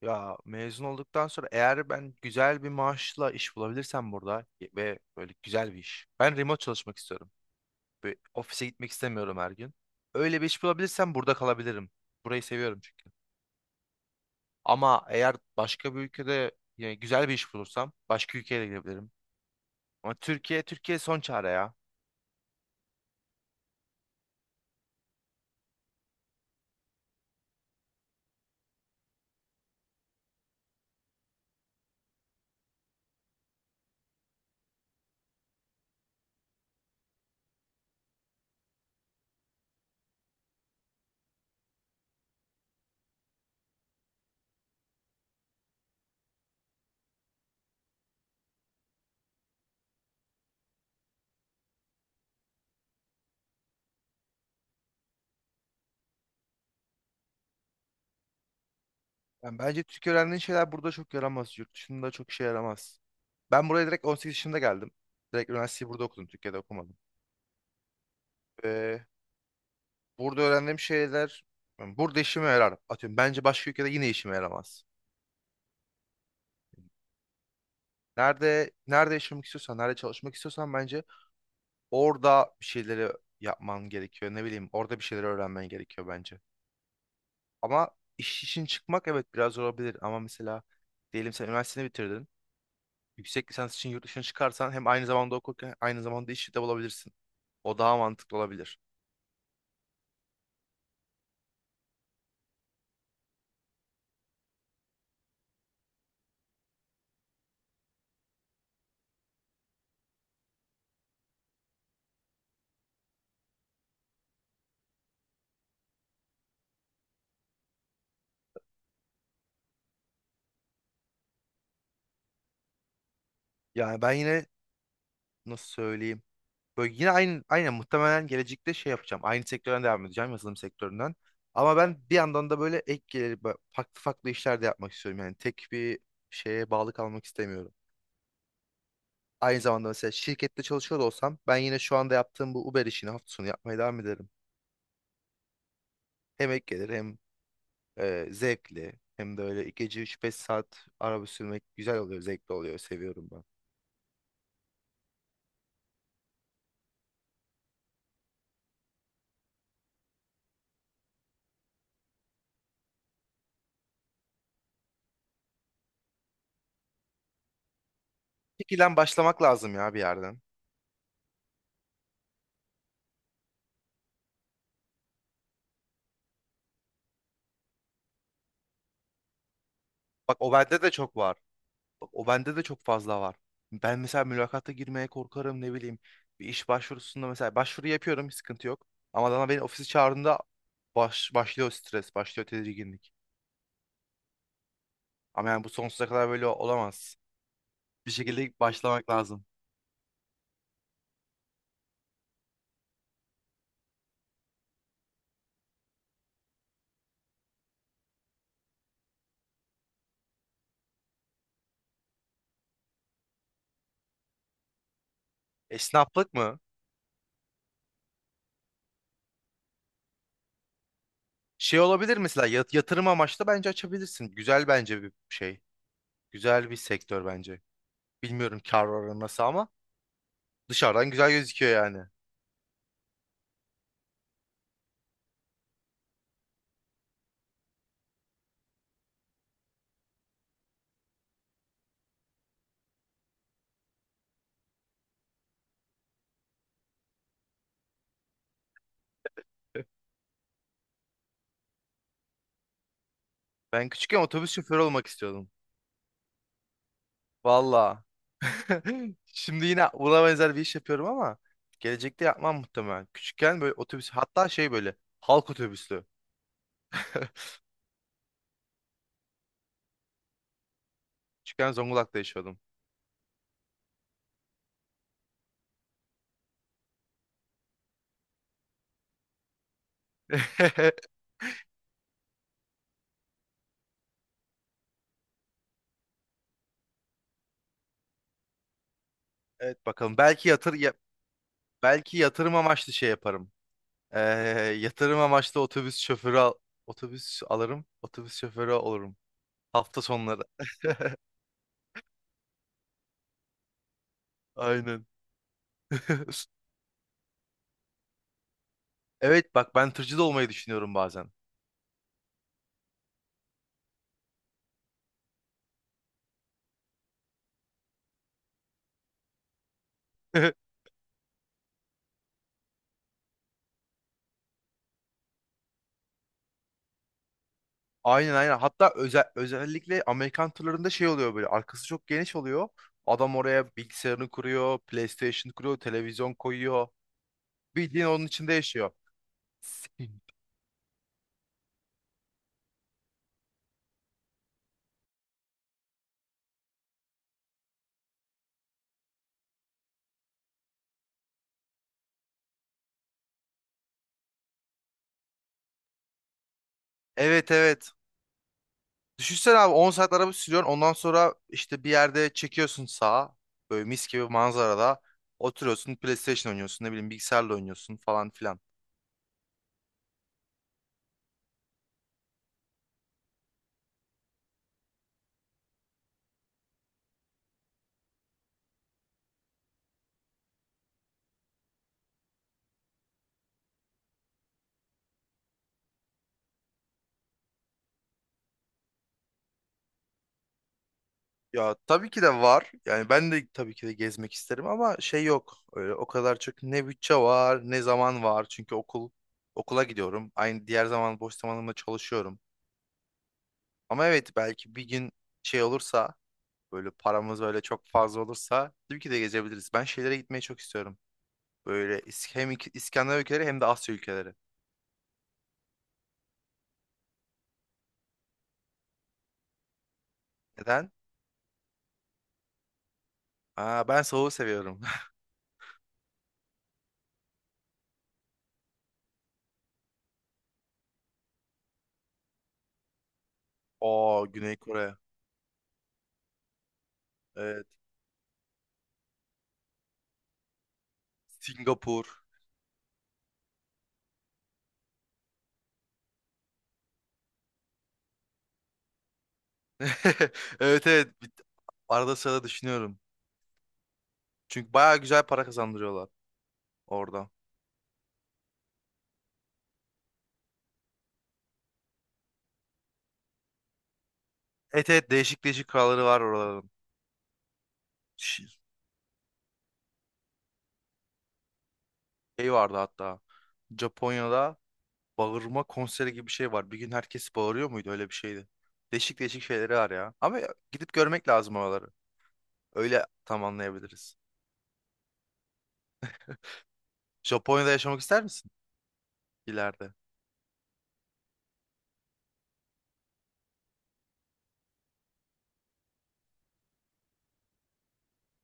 Ya mezun olduktan sonra eğer ben güzel bir maaşla iş bulabilirsem burada ve böyle güzel bir iş. Ben remote çalışmak istiyorum. Böyle ofise gitmek istemiyorum her gün. Öyle bir iş bulabilirsem burada kalabilirim. Burayı seviyorum çünkü. Ama eğer başka bir ülkede yani güzel bir iş bulursam başka ülkeye de gidebilirim. Ama Türkiye son çare ya. Yani bence Türkiye öğrendiğin şeyler burada çok yaramaz. Yurt dışında çok işe yaramaz. Ben buraya direkt 18 yaşında geldim. Direkt üniversiteyi burada okudum. Türkiye'de okumadım. Burada öğrendiğim şeyler yani burada işime yarar. Atıyorum bence başka ülkede yine işime yaramaz. Nerede yaşamak istiyorsan, nerede çalışmak istiyorsan bence orada bir şeyleri yapman gerekiyor. Ne bileyim, orada bir şeyleri öğrenmen gerekiyor bence. Ama iş için çıkmak evet biraz zor olabilir ama mesela diyelim sen üniversiteni bitirdin. Yüksek lisans için yurt dışına çıkarsan hem aynı zamanda okurken aynı zamanda işi de bulabilirsin. O daha mantıklı olabilir. Yani ben yine nasıl söyleyeyim? Böyle yine aynen muhtemelen gelecekte şey yapacağım. Aynı sektörden devam edeceğim yazılım sektöründen. Ama ben bir yandan da böyle ek gelir farklı farklı işler de yapmak istiyorum. Yani tek bir şeye bağlı kalmak istemiyorum. Aynı zamanda mesela şirkette çalışıyor da olsam ben yine şu anda yaptığım bu Uber işini hafta sonu yapmaya devam ederim. Hem ek gelir hem zevkli hem de öyle gece üç beş saat araba sürmek güzel oluyor, zevkli oluyor, seviyorum ben. Fikirden başlamak lazım ya bir yerden. Bak o bende de çok var. Bak, o bende de çok fazla var. Ben mesela mülakata girmeye korkarım ne bileyim. Bir iş başvurusunda mesela başvuru yapıyorum hiç sıkıntı yok. Ama adama beni ofisi çağırdığında başlıyor stres, başlıyor tedirginlik. Ama yani bu sonsuza kadar böyle olamaz. Bir şekilde başlamak lazım. Esnaflık mı? Şey olabilir mesela yatırım amaçlı bence açabilirsin. Güzel bence bir şey. Güzel bir sektör bence. Bilmiyorum kar oranı nasıl ama dışarıdan güzel gözüküyor yani. Ben küçükken otobüs şoförü olmak istiyordum. Valla. Şimdi yine buna benzer bir iş yapıyorum ama gelecekte yapmam muhtemelen. Küçükken böyle otobüs hatta şey böyle halk otobüslü. Küçükken Zonguldak'ta yaşıyordum. Evet bakalım. Belki yatırım amaçlı şey yaparım. Ee, yatırım amaçlı otobüs şoförü otobüs alırım. Otobüs şoförü olurum. Hafta sonları. Aynen. Evet bak ben tırcı da olmayı düşünüyorum bazen. Aynen, aynen. Hatta özellikle Amerikan turlarında şey oluyor böyle. Arkası çok geniş oluyor. Adam oraya bilgisayarını kuruyor, PlayStation kuruyor, televizyon koyuyor. Bildiğin onun içinde yaşıyor. Sin- Evet, evet. Düşünsene abi 10 saat araba sürüyorsun. Ondan sonra işte bir yerde çekiyorsun sağa. Böyle mis gibi manzarada. Oturuyorsun PlayStation oynuyorsun ne bileyim bilgisayarla oynuyorsun falan filan. Ya tabii ki de var. Yani ben de tabii ki de gezmek isterim ama şey yok. Öyle o kadar çok ne bütçe var, ne zaman var. Çünkü okula gidiyorum. Aynı diğer zaman boş zamanımda çalışıyorum. Ama evet belki bir gün şey olursa, böyle paramız böyle çok fazla olursa tabii ki de gezebiliriz. Ben şeylere gitmeyi çok istiyorum. Böyle hem İskandinav ülkeleri hem de Asya ülkeleri. Neden? Aa, ben soğuğu seviyorum. Oo, Güney Kore. Evet. Singapur. Evet, evet. Arada sırada düşünüyorum. Çünkü bayağı güzel para kazandırıyorlar orada. Evet, evet, değişik değişik kuralları var oraların. Ş- Şey vardı hatta. Japonya'da bağırma konseri gibi bir şey var. Bir gün herkes bağırıyor muydu? Öyle bir şeydi. Değişik değişik şeyleri var ya. Ama gidip görmek lazım oraları. Öyle tam anlayabiliriz. Japonya'da yaşamak ister misin ileride?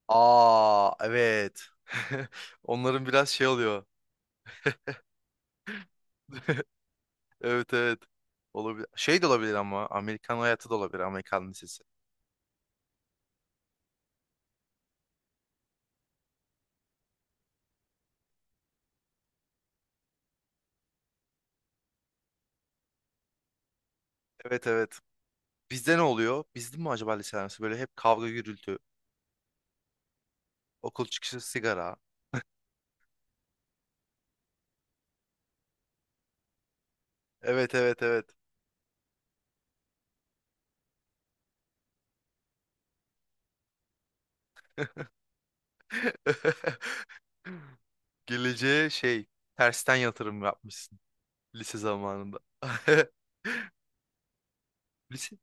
Aa, evet. Onların biraz şey oluyor. Evet, evet. Olabilir. Şey de olabilir ama Amerikan hayatı da olabilir. Amerikan lisesi. Evet, evet. Bizde ne oluyor? Bizde mi acaba lise arası? Böyle hep kavga gürültü. Okul çıkışı sigara. Evet, evet, evet. Geleceğe şey tersten yatırım yapmışsın lise zamanında. Lise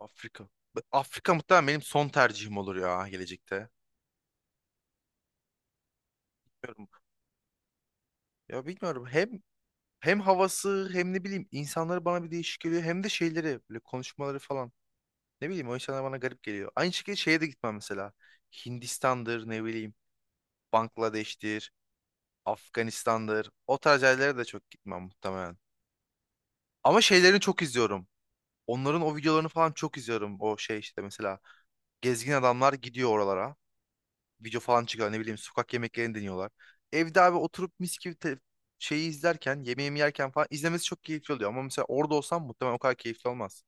Afrika. Afrika muhtemelen benim son tercihim olur ya gelecekte. Bilmiyorum. Ya bilmiyorum hem havası hem ne bileyim insanları bana bir değişik geliyor hem de şeyleri böyle konuşmaları falan. Ne bileyim o insanlar bana garip geliyor. Aynı şekilde şeye de gitmem mesela. Hindistan'dır ne bileyim Bangladeş'tir. Afganistan'dır. O tarz yerlere de çok gitmem muhtemelen. Ama şeylerini çok izliyorum. Onların o videolarını falan çok izliyorum. O şey işte mesela gezgin adamlar gidiyor oralara. Video falan çıkıyor ne bileyim sokak yemeklerini deniyorlar. Evde abi oturup mis gibi şeyi izlerken yemeğimi yerken falan izlemesi çok keyifli oluyor. Ama mesela orada olsam muhtemelen o kadar keyifli olmaz.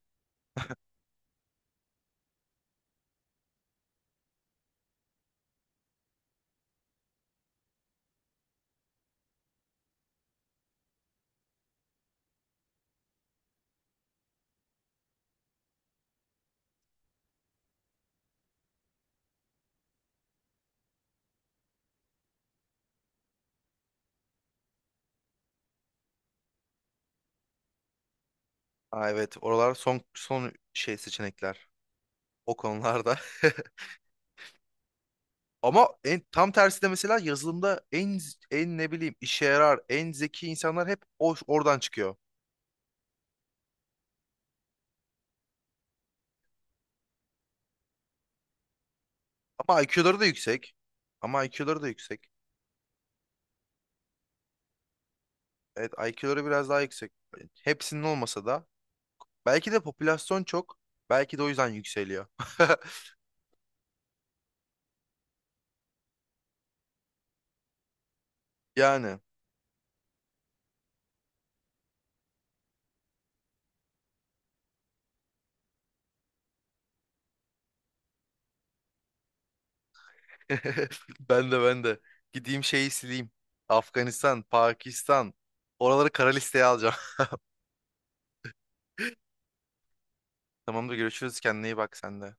Aa, evet, oralar son son şey seçenekler o konularda. Ama tam tersi de mesela yazılımda en ne bileyim işe yarar, en zeki insanlar hep oradan çıkıyor. Ama IQ'ları da yüksek. Ama IQ'ları da yüksek. Evet, IQ'ları biraz daha yüksek. Hepsinin olmasa da. Belki de popülasyon çok. Belki de o yüzden yükseliyor. Yani. Ben de, ben de. Gideyim şeyi sileyim. Afganistan, Pakistan. Oraları kara listeye alacağım. Tamamdır, görüşürüz. Kendine iyi bak sen de.